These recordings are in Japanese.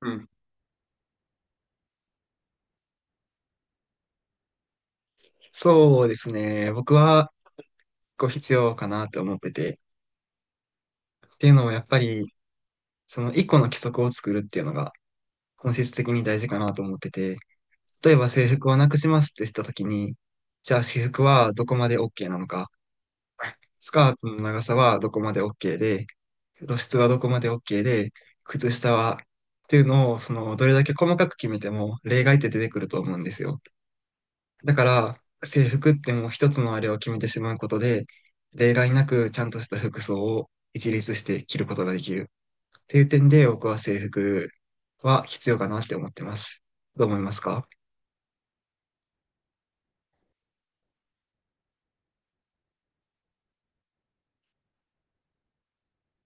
うん。そうですね。僕はこう必要かなと思ってて。っていうのもやっぱり、その一個の規則を作るっていうのが本質的に大事かなと思ってて。例えば制服をなくしますってしたときに、じゃあ私服はどこまで OK なのか。スカートの長さはどこまで OK で、露出はどこまで OK で、靴下はっていうのを、その、どれだけ細かく決めても例外って出てくると思うんですよ。だから、制服ってもう一つのあれを決めてしまうことで、例外なくちゃんとした服装を一律して着ることができる。っていう点で、僕は制服は必要かなって思ってます。どう思いますか？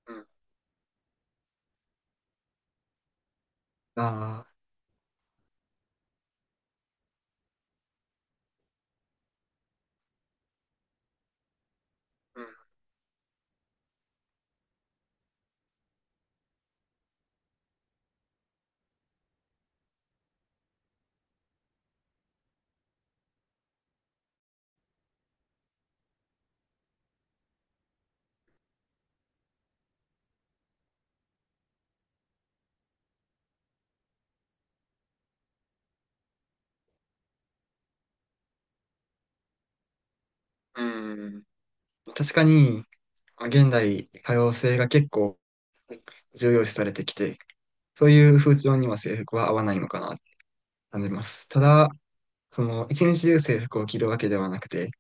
うん。ああ。うん。うん。確かに、まあ現代、多様性が結構重要視されてきて、そういう風潮には制服は合わないのかなって感じます。ただ、その一日中制服を着るわけではなくて、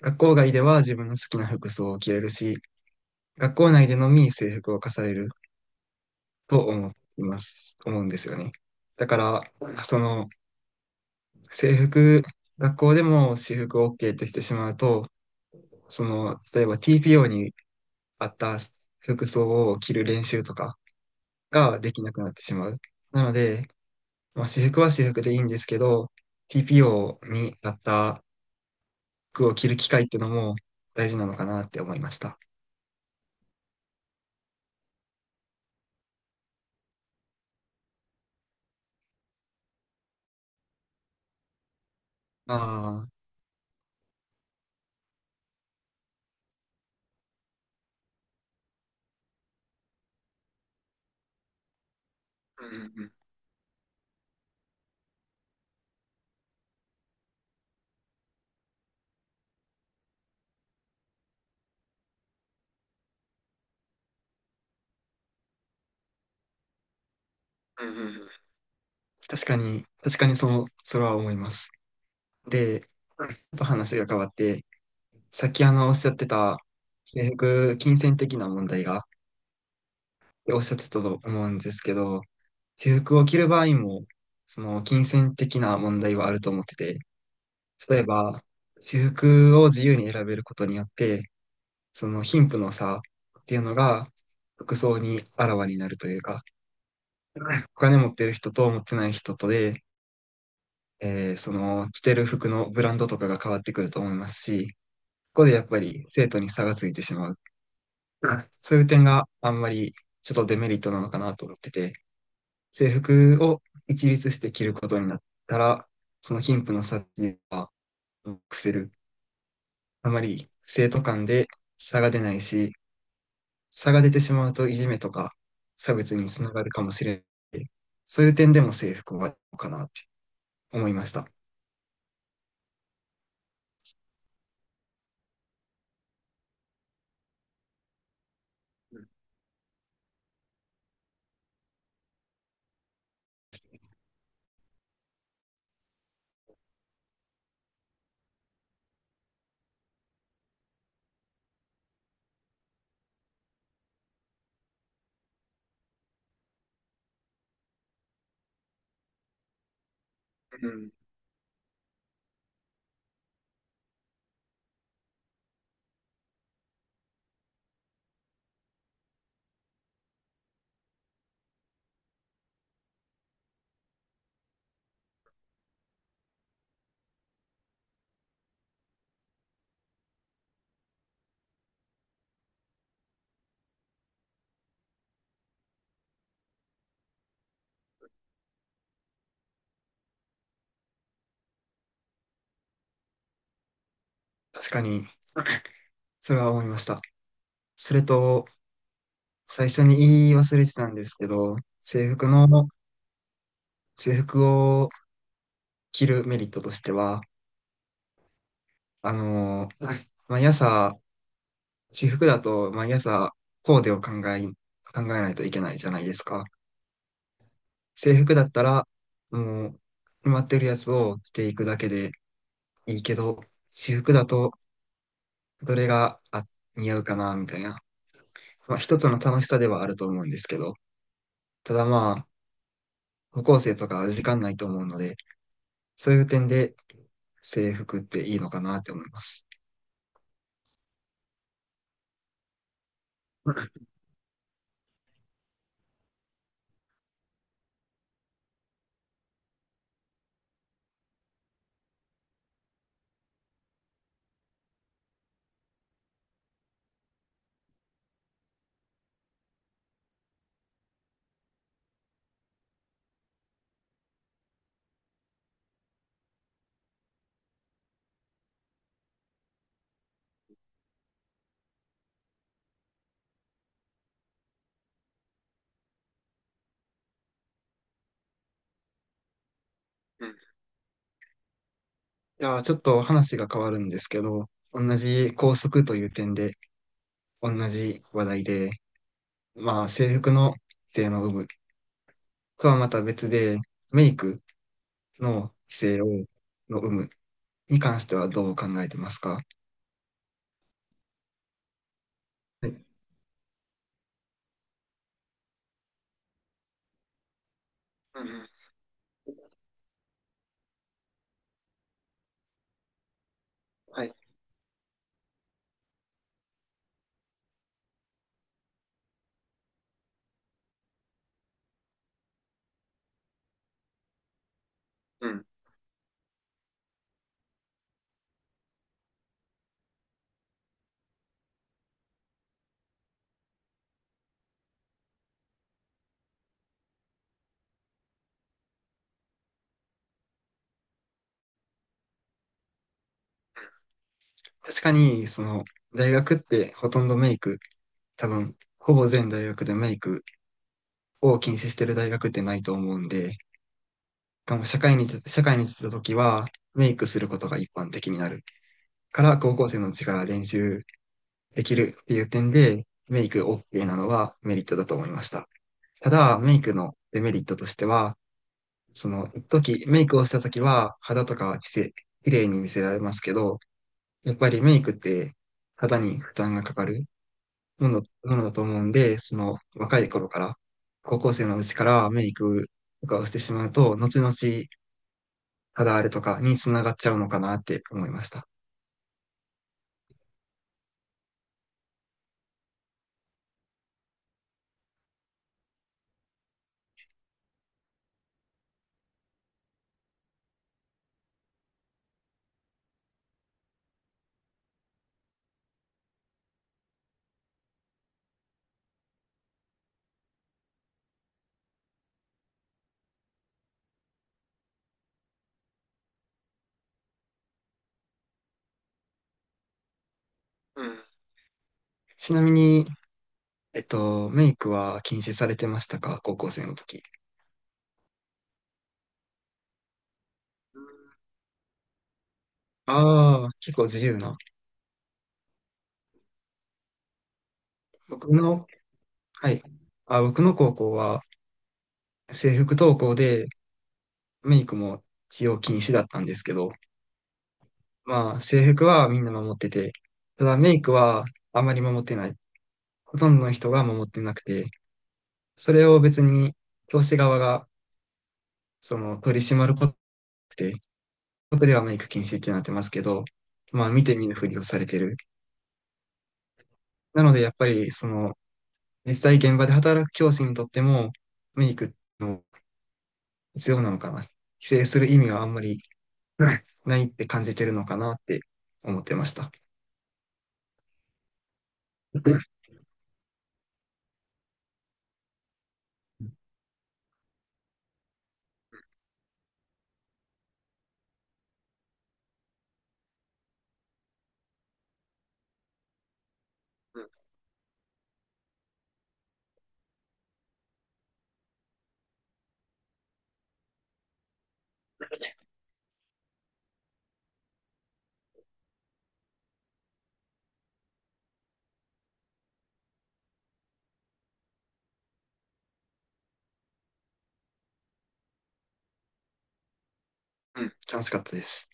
学校外では自分の好きな服装を着れるし、学校内でのみ制服を課されると思います、思うんですよね。だから、その制服、学校でも私服 OK ってしてしまうと、その、例えば TPO に合った服装を着る練習とかができなくなってしまう。なので、まあ、私服は私服でいいんですけど、TPO に合った服を着る機会ってのも大事なのかなって思いました。ああ。うんうん。うんうんうんうん。確かに、確かにその、それは思います。で、ちょっと話が変わって、さっきおっしゃってた、制服、金銭的な問題がおっしゃってたと思うんですけど、制服を着る場合も、その金銭的な問題はあると思ってて、例えば、制服を自由に選べることによって、その貧富の差っていうのが、服装にあらわになるというか、お金持ってる人と持ってない人とで、その着てる服のブランドとかが変わってくると思いますし、こでやっぱり生徒に差がついてしまう。うん。そういう点があんまりちょっとデメリットなのかなと思ってて、制服を一律して着ることになったら、その貧富の差っていうのはなくせる。あまり生徒間で差が出ないし、差が出てしまうといじめとか差別につながるかもしれない。そういう点でも制服はどうかなって思いました。うん。確かに、それは思いました。それと、最初に言い忘れてたんですけど、制服を着るメリットとしては、はい、毎朝、私服だと毎朝コーデを考え、考えないといけないじゃないですか。制服だったら、もう、決まってるやつをしていくだけでいいけど、私服だと、どれが、あ、似合うかな、みたいな。まあ、一つの楽しさではあると思うんですけど、ただまあ、高校生とか時間ないと思うので、そういう点で制服っていいのかなって思います。いやー、ちょっと話が変わるんですけど、同じ校則という点で、同じ話題で、まあ、制服の規制の有無とはまた別で、メイクの規制の有無に関してはどう考えてますか？はい。うんうん。はい。うん。確かに、その、大学ってほとんどメイク、多分、ほぼ全大学でメイクを禁止してる大学ってないと思うんで、しかも社会に出た時は、メイクすることが一般的になる。から高校生のうちから練習できるっていう点で、メイク OK なのはメリットだと思いました。ただ、メイクのデメリットとしては、その時、メイクをした時は肌とかはきせ、綺麗に見せられますけど、やっぱりメイクって肌に負担がかかるものだと思うんで、その若い頃から、高校生のうちからメイクとかをしてしまうと、後々肌荒れとかにつながっちゃうのかなって思いました。うん。ちなみに、メイクは禁止されてましたか、高校生の時。ああ、結構自由な。僕の、はい。あ、僕の高校は制服登校でメイクも使用禁止だったんですけど、まあ制服はみんな守ってて、ただメイクはあまり守ってない。ほとんどの人が守ってなくて、それを別に教師側がその取り締まることで、僕ではメイク禁止ってなってますけど、まあ見て見ぬふりをされてる。なのでやっぱりその実際現場で働く教師にとっても、メイクの必要なのかな。規制する意味はあんまり、うん、ないって感じてるのかなって思ってました。うん、うん、うん、楽しかったです。